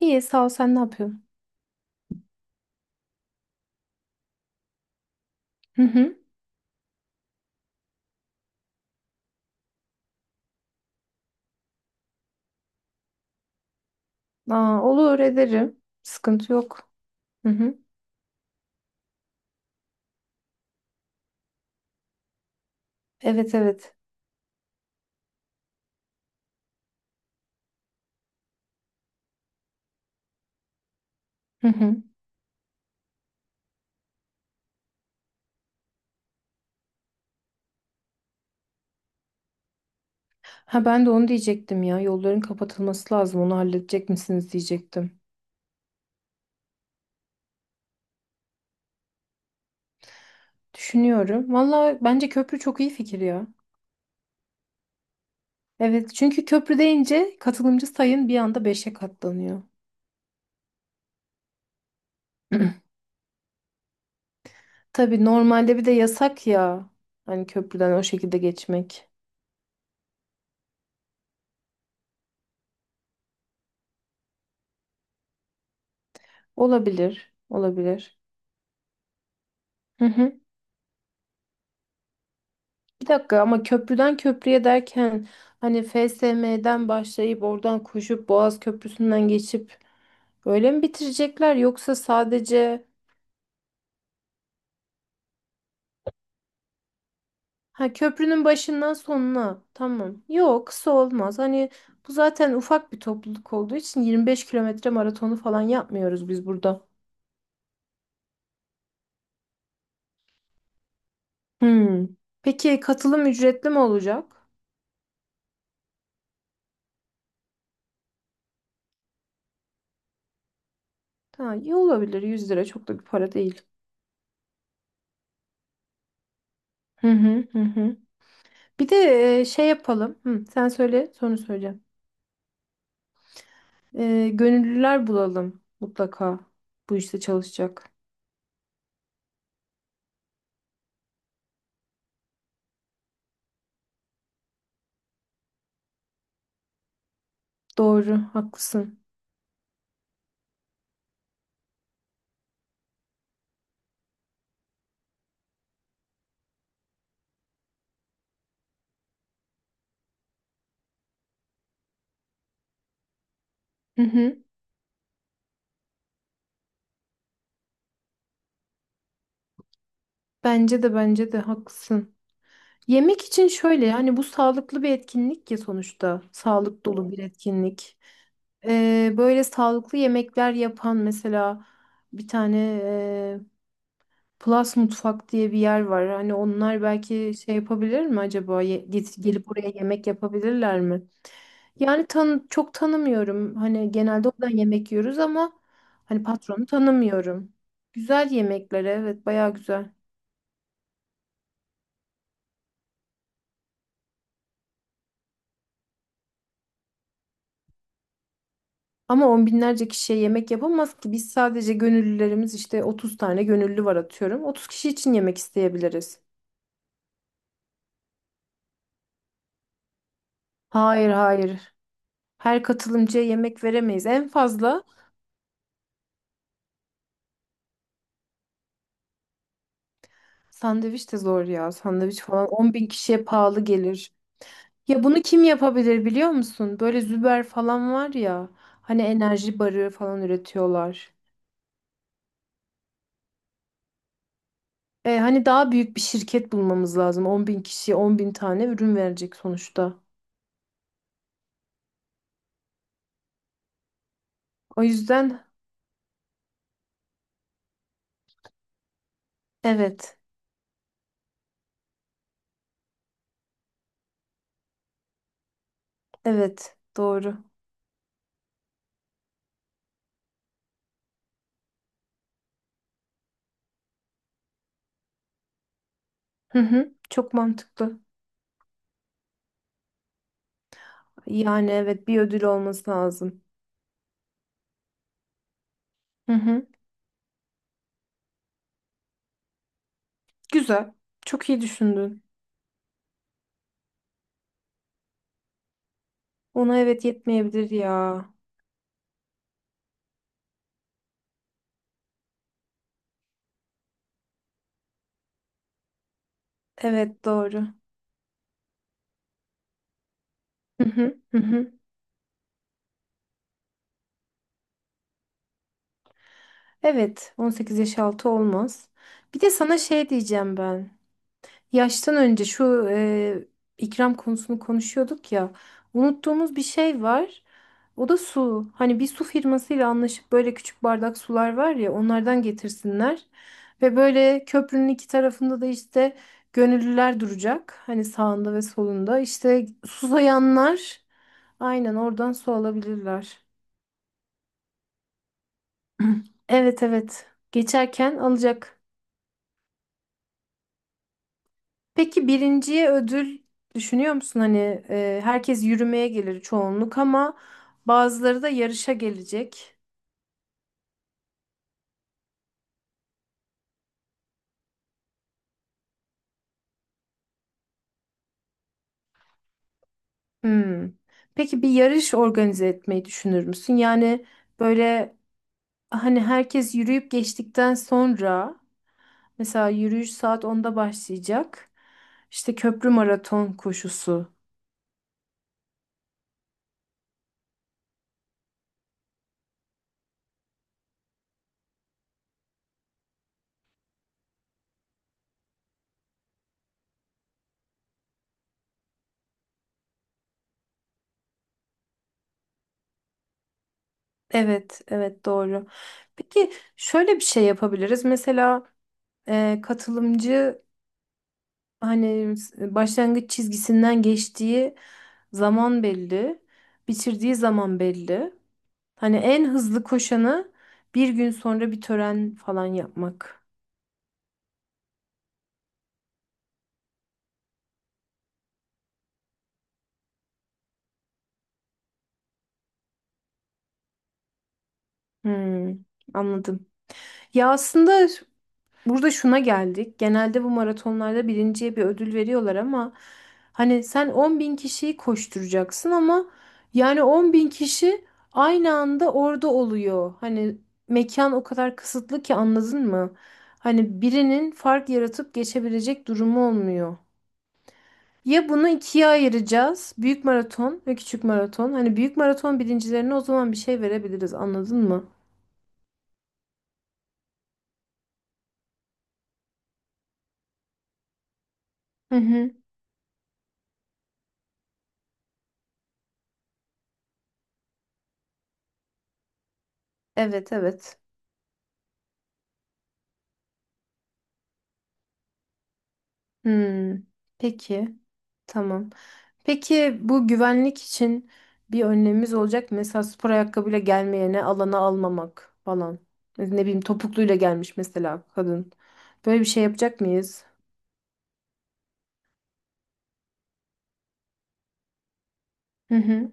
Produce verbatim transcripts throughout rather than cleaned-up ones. İyi, sağ ol, sen ne yapıyorsun? Hı hı. Aa, olur ederim. Sıkıntı yok. Hı hı. Evet evet. Hı hı. Ha, ben de onu diyecektim ya. Yolların kapatılması lazım. Onu halledecek misiniz diyecektim. Düşünüyorum. Valla bence köprü çok iyi fikir ya. Evet, çünkü köprü deyince katılımcı sayın bir anda beşe katlanıyor. Tabii normalde bir de yasak ya. Hani köprüden o şekilde geçmek. Olabilir. Olabilir. Bir dakika, ama köprüden köprüye derken hani F S M'den başlayıp oradan koşup Boğaz Köprüsü'nden geçip öyle mi bitirecekler, yoksa sadece ha köprünün başından sonuna, tamam. Yok, kısa olmaz. Hani bu zaten ufak bir topluluk olduğu için 25 kilometre maratonu falan yapmıyoruz biz burada. Hmm. Peki katılım ücretli mi olacak? Ha, iyi olabilir. 100 lira çok da bir para değil. Hı hı hı, hı. Bir de e, şey yapalım. Hı, sen söyle, sonra söyleyeceğim. Ee, gönüllüler bulalım mutlaka, bu işte çalışacak. Doğru, haklısın. Hı hı. Bence de bence de haklısın. Yemek için şöyle, yani bu sağlıklı bir etkinlik ya sonuçta. Sağlık dolu bir etkinlik. Ee, böyle sağlıklı yemekler yapan mesela bir tane e, Plus Mutfak diye bir yer var. Hani onlar belki şey yapabilir mi acaba? Ye- get- gelip buraya yemek yapabilirler mi? Yani tan çok tanımıyorum. Hani genelde oradan yemek yiyoruz, ama hani patronu tanımıyorum. Güzel yemekler, evet, bayağı güzel. Ama on binlerce kişiye yemek yapamaz ki. Biz sadece gönüllülerimiz, işte otuz tane gönüllü var atıyorum. otuz kişi için yemek isteyebiliriz. Hayır hayır. Her katılımcıya yemek veremeyiz. En fazla sandviç de zor ya. Sandviç falan 10 bin kişiye pahalı gelir. Ya bunu kim yapabilir biliyor musun? Böyle Züber falan var ya. Hani enerji barı falan üretiyorlar. E, hani daha büyük bir şirket bulmamız lazım. On bin kişiye on bin tane ürün verecek sonuçta. O yüzden evet, evet doğru. Hı hı, çok mantıklı. Yani evet, bir ödül olması lazım. Hı hı, güzel. Çok iyi düşündün. Ona evet yetmeyebilir ya. Evet doğru. Hı hı, hı hı. Evet, on sekiz yaş altı olmaz. Bir de sana şey diyeceğim ben. Yaştan önce şu e, ikram konusunu konuşuyorduk ya. Unuttuğumuz bir şey var. O da su. Hani bir su firmasıyla anlaşıp böyle küçük bardak sular var ya, onlardan getirsinler. Ve böyle köprünün iki tarafında da işte gönüllüler duracak. Hani sağında ve solunda. İşte susayanlar aynen oradan su alabilirler. Evet evet. Geçerken alacak. Peki birinciye ödül düşünüyor musun? Hani e, herkes yürümeye gelir çoğunluk, ama bazıları da yarışa gelecek. Hmm. Peki bir yarış organize etmeyi düşünür müsün? Yani böyle hani herkes yürüyüp geçtikten sonra, mesela yürüyüş saat onda başlayacak. İşte köprü maraton koşusu. Evet, evet doğru. Peki şöyle bir şey yapabiliriz. Mesela e, katılımcı hani başlangıç çizgisinden geçtiği zaman belli, bitirdiği zaman belli. Hani en hızlı koşanı bir gün sonra bir tören falan yapmak. Hmm, anladım. Ya aslında burada şuna geldik. Genelde bu maratonlarda birinciye bir ödül veriyorlar, ama hani sen 10 bin kişiyi koşturacaksın, ama yani 10 bin kişi aynı anda orada oluyor. Hani mekan o kadar kısıtlı ki, anladın mı? Hani birinin fark yaratıp geçebilecek durumu olmuyor. Ya bunu ikiye ayıracağız. Büyük maraton ve küçük maraton. Hani büyük maraton birincilerine o zaman bir şey verebiliriz. Anladın mı? Hı hı. Evet evet. Hmm. Peki. Tamam. Peki bu güvenlik için bir önlemimiz olacak mı? Mesela spor ayakkabıyla gelmeyene alana almamak falan. Ne bileyim, topukluyla gelmiş mesela kadın. Böyle bir şey yapacak mıyız? Hı hı.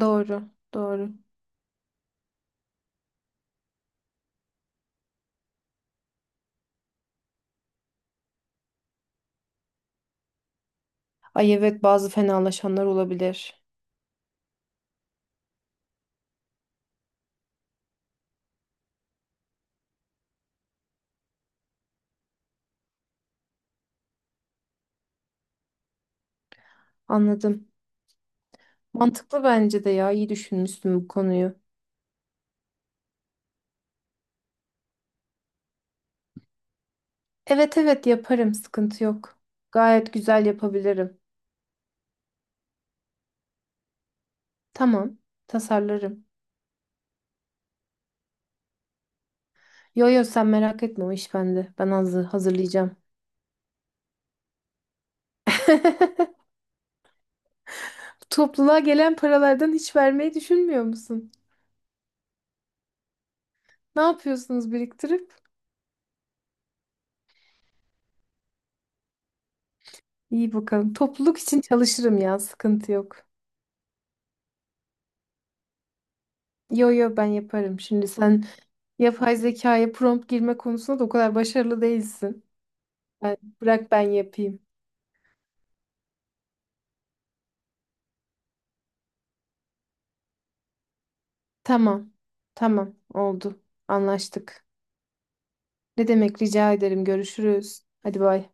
Doğru, doğru. Ay evet, bazı fenalaşanlar olabilir. Anladım. Mantıklı bence de ya. İyi düşünmüşsün bu konuyu. Evet evet yaparım. Sıkıntı yok. Gayet güzel yapabilirim. Tamam. Tasarlarım. Yo yo, sen merak etme, o iş bende. Ben hazır, hazırlayacağım. Topluluğa gelen paralardan hiç vermeyi düşünmüyor musun? Ne yapıyorsunuz biriktirip? İyi bakalım. Topluluk için çalışırım ya, sıkıntı yok. Yo yo, ben yaparım. Şimdi sen yapay zekaya prompt girme konusunda da o kadar başarılı değilsin. Ben, bırak ben yapayım. Tamam. Tamam, oldu. Anlaştık. Ne demek, rica ederim. Görüşürüz. Hadi bay.